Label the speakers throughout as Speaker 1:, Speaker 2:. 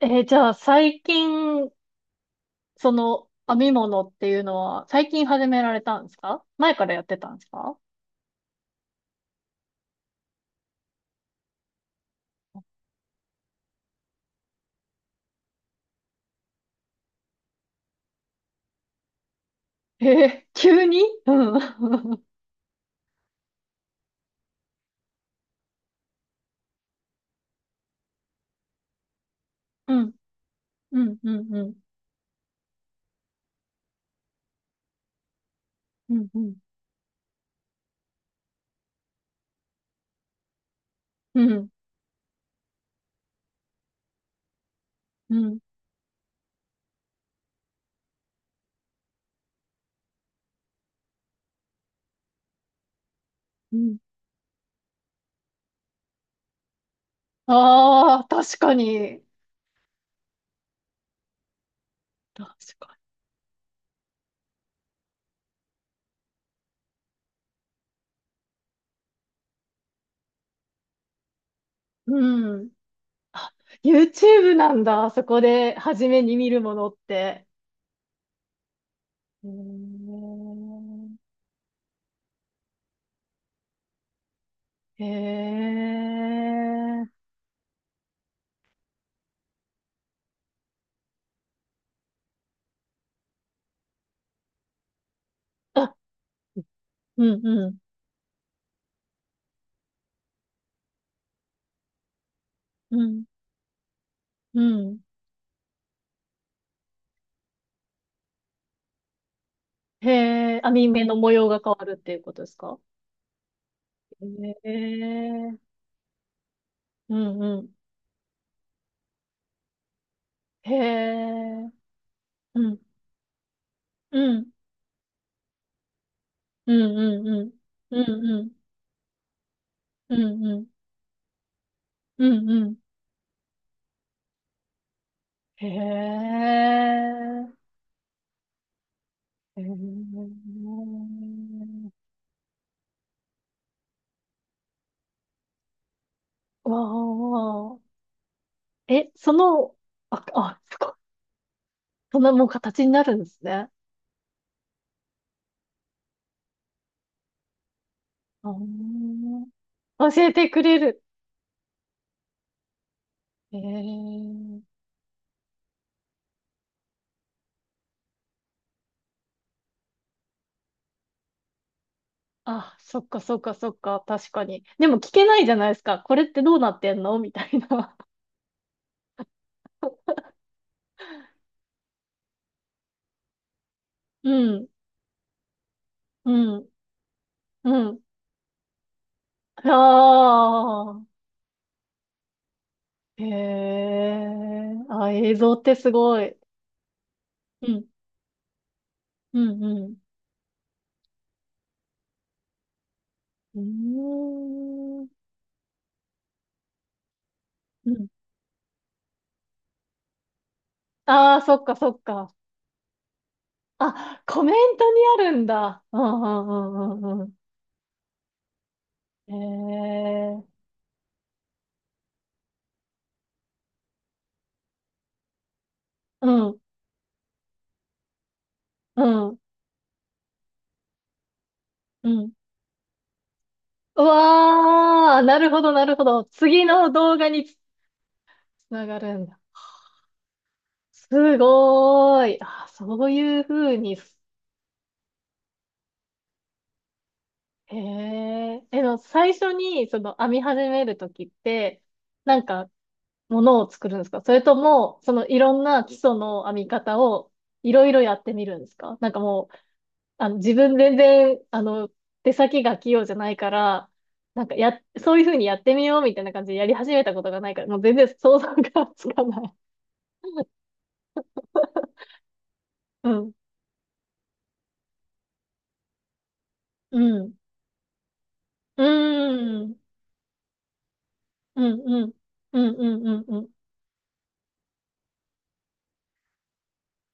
Speaker 1: じゃあ最近、その編み物っていうのは最近始められたんですか？前からやってたんですか？急に うん。うん、うん、うん、うん、うん、うん、うん、うん。うん。ああー、確かに。確かに。うん。あ、YouTube なんだ。そこで初めに見るものって。うーん。へえ。あ、うん、うん、うん、うん。へえ、網目の模様が変わるっていうことですか？へえ、うんうん。へえ、うん、うん、うん、うん、うん、うん、うん、うん、うん、うんうん。へえ、へえ、わあ、え、その、あ、あ、すごい。そんなもう形になるんですね。あー、教えてくれる。へえ。あ、そっかそっかそっか、確かに。でも聞けないじゃないですか。これってどうなってんのみたいな。うん、うん、うん。ああ、へえ、あ、映像ってすごい。うん、うん、うん。うーん、うん。ああ、そっかそっか。あ、コメントにあるんだ。うん、うん、うん、うん。うん。へえ、うん、うん、うん。うわあ、なるほど、なるほど。次の動画につながるんだ。すごーい。あ、そういうふうにす。へえ。最初に、その、編み始めるときって、なんか、ものを作るんですか？それとも、その、いろんな基礎の編み方を、いろいろやってみるんですか？なんかもう、あの、自分全然、あの、手先が器用じゃないから、なんか、や、そういうふうにやってみようみたいな感じでやり始めたことがないから、もう全然想像がつかない。うん。うん。うーん。うんうん。うんうんうんうん。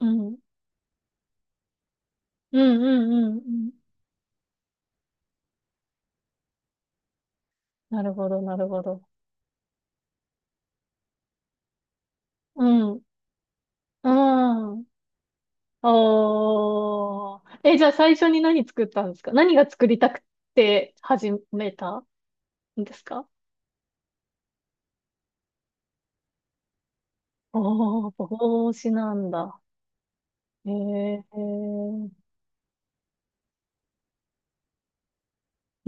Speaker 1: うん。うんうんうんうん。なるほど、なるほど。うん。うん。おー。え、じゃあ最初に何作ったんですか？何が作りたくて始めたんですか？おー、帽子なんだ。へ。う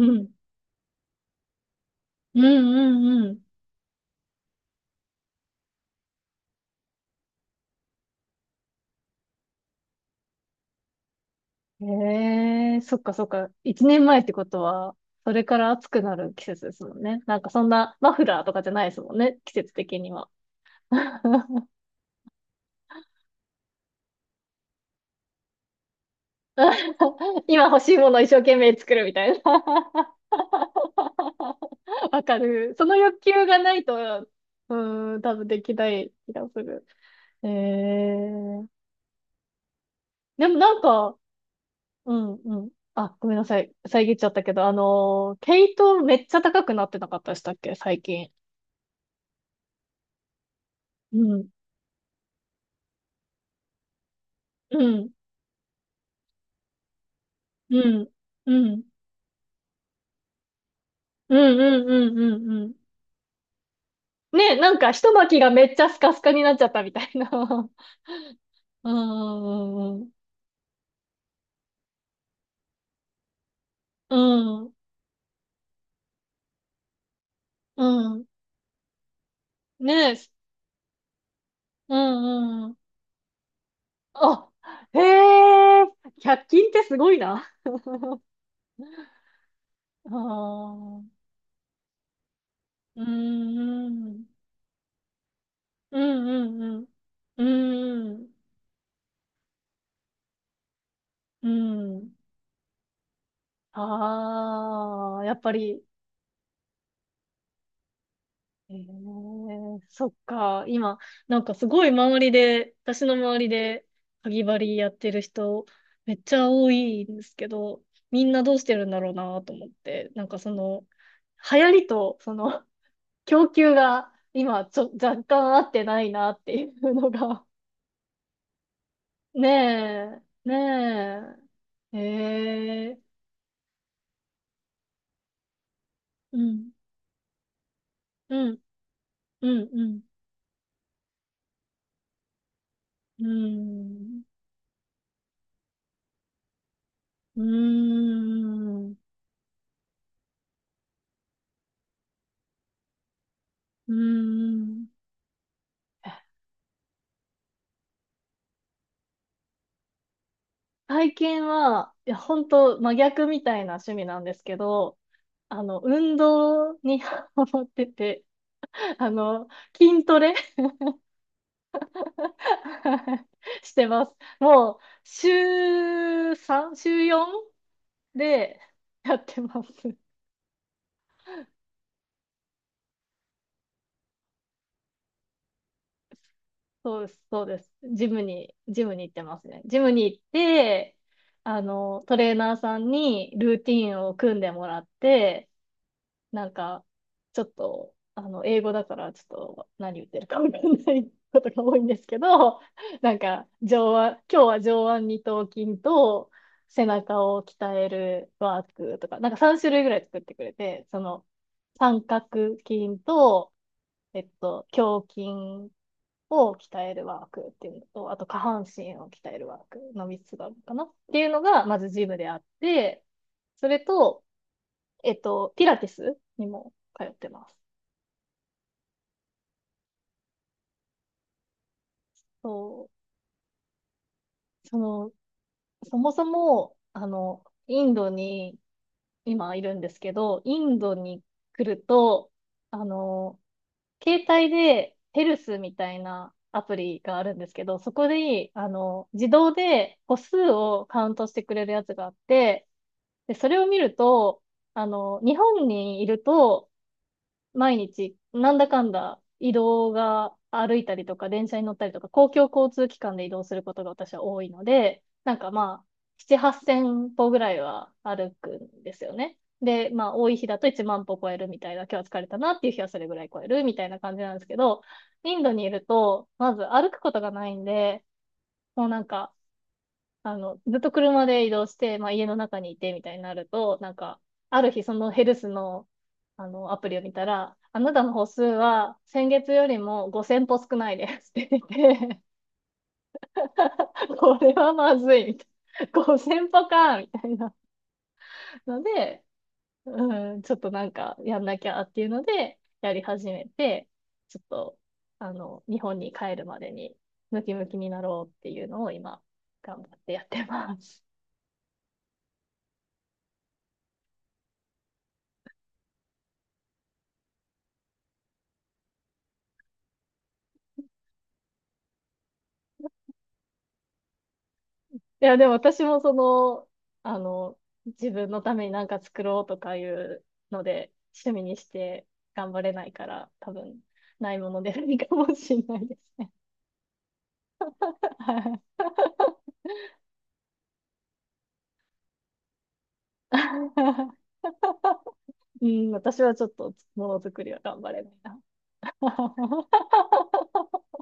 Speaker 1: んうんうんうん。へ、そっかそっか。一年前ってことは、それから暑くなる季節ですもんね。なんかそんなマフラーとかじゃないですもんね。季節的には。今欲しいものを一生懸命作るみたいな。わかる。その欲求がないと、うん、多分できない気がする。えー、でもなんか、うんうん。あ、ごめんなさい。遮っちゃったけど、あのー、毛糸めっちゃ高くなってなかったでしたっけ、最近。うん、うん、うん、うん、うん、うん、うん、うんうん。ね、なんか一巻きがめっちゃスカスカになっちゃったみたいな。うんうんうんうん、うん。ねえ、うん、うん。あ、へえ、100均ってすごいな。ああ、うん、うん、うん、うん、うん、うん。ああ、やっぱり、ええ、そっか。今、なんかすごい周りで、私の周りで、かぎ針やってる人、めっちゃ多いんですけど、みんなどうしてるんだろうなと思って、なんかその、流行りと、その、供給が、今、ちょ、若干合ってないなっていうのが、ねえ、ねえ、ええ、うん、うん、うん、うん、うん、うん、うーん。え、体験は、いや、本当真逆みたいな趣味なんですけど、あの、運動に ハマってて、あの、筋トレ してます。もう、週 3? 週 4? で やってます。そうです、そうです。ジムに、ジムに行ってますね。ジムに行って、あの、トレーナーさんにルーティンを組んでもらって、なんか、ちょっと、あの、英語だから、ちょっと何言ってるかわかんないことが多いんですけど、なんか、上腕、今日は上腕二頭筋と背中を鍛えるワークとか、なんか3種類ぐらい作ってくれて、その、三角筋と、えっと、胸筋を鍛えるワークっていうのと、あと下半身を鍛えるワークの3つがあるのかなっていうのが、まずジムであって、それと、えっと、ピラティスにも通ってます。そう、その、そもそも、あの、インドに今いるんですけど、インドに来ると、あの、携帯でヘルスみたいなアプリがあるんですけど、そこで、あの、自動で歩数をカウントしてくれるやつがあって、で、それを見ると、あの、日本にいると、毎日、なんだかんだ移動が歩いたりとか、電車に乗ったりとか、公共交通機関で移動することが私は多いので、なんかまあ、7、8千歩ぐらいは歩くんですよね。で、まあ、多い日だと1万歩超えるみたいな、今日は疲れたなっていう日はそれぐらい超えるみたいな感じなんですけど、インドにいると、まず歩くことがないんで、もうなんか、あの、ずっと車で移動して、まあ、家の中にいてみたいになると、なんか、ある日そのヘルスの、あの、アプリを見たら、あなたの歩数は先月よりも5000歩少ないですって言ってて、これはまずいみたいな。5000歩かみたいなので、うん、ちょっとなんかやんなきゃっていうので、やり始めて、ちょっと、あの、日本に帰るまでにムキムキになろうっていうのを今、頑張ってやってます。いや、でも私もその、あの、自分のために何か作ろうとかいうので、趣味にして頑張れないから、多分、ないものでないかもしれないですね。はい。 うん、私はちょっとものづくりは頑張れないな。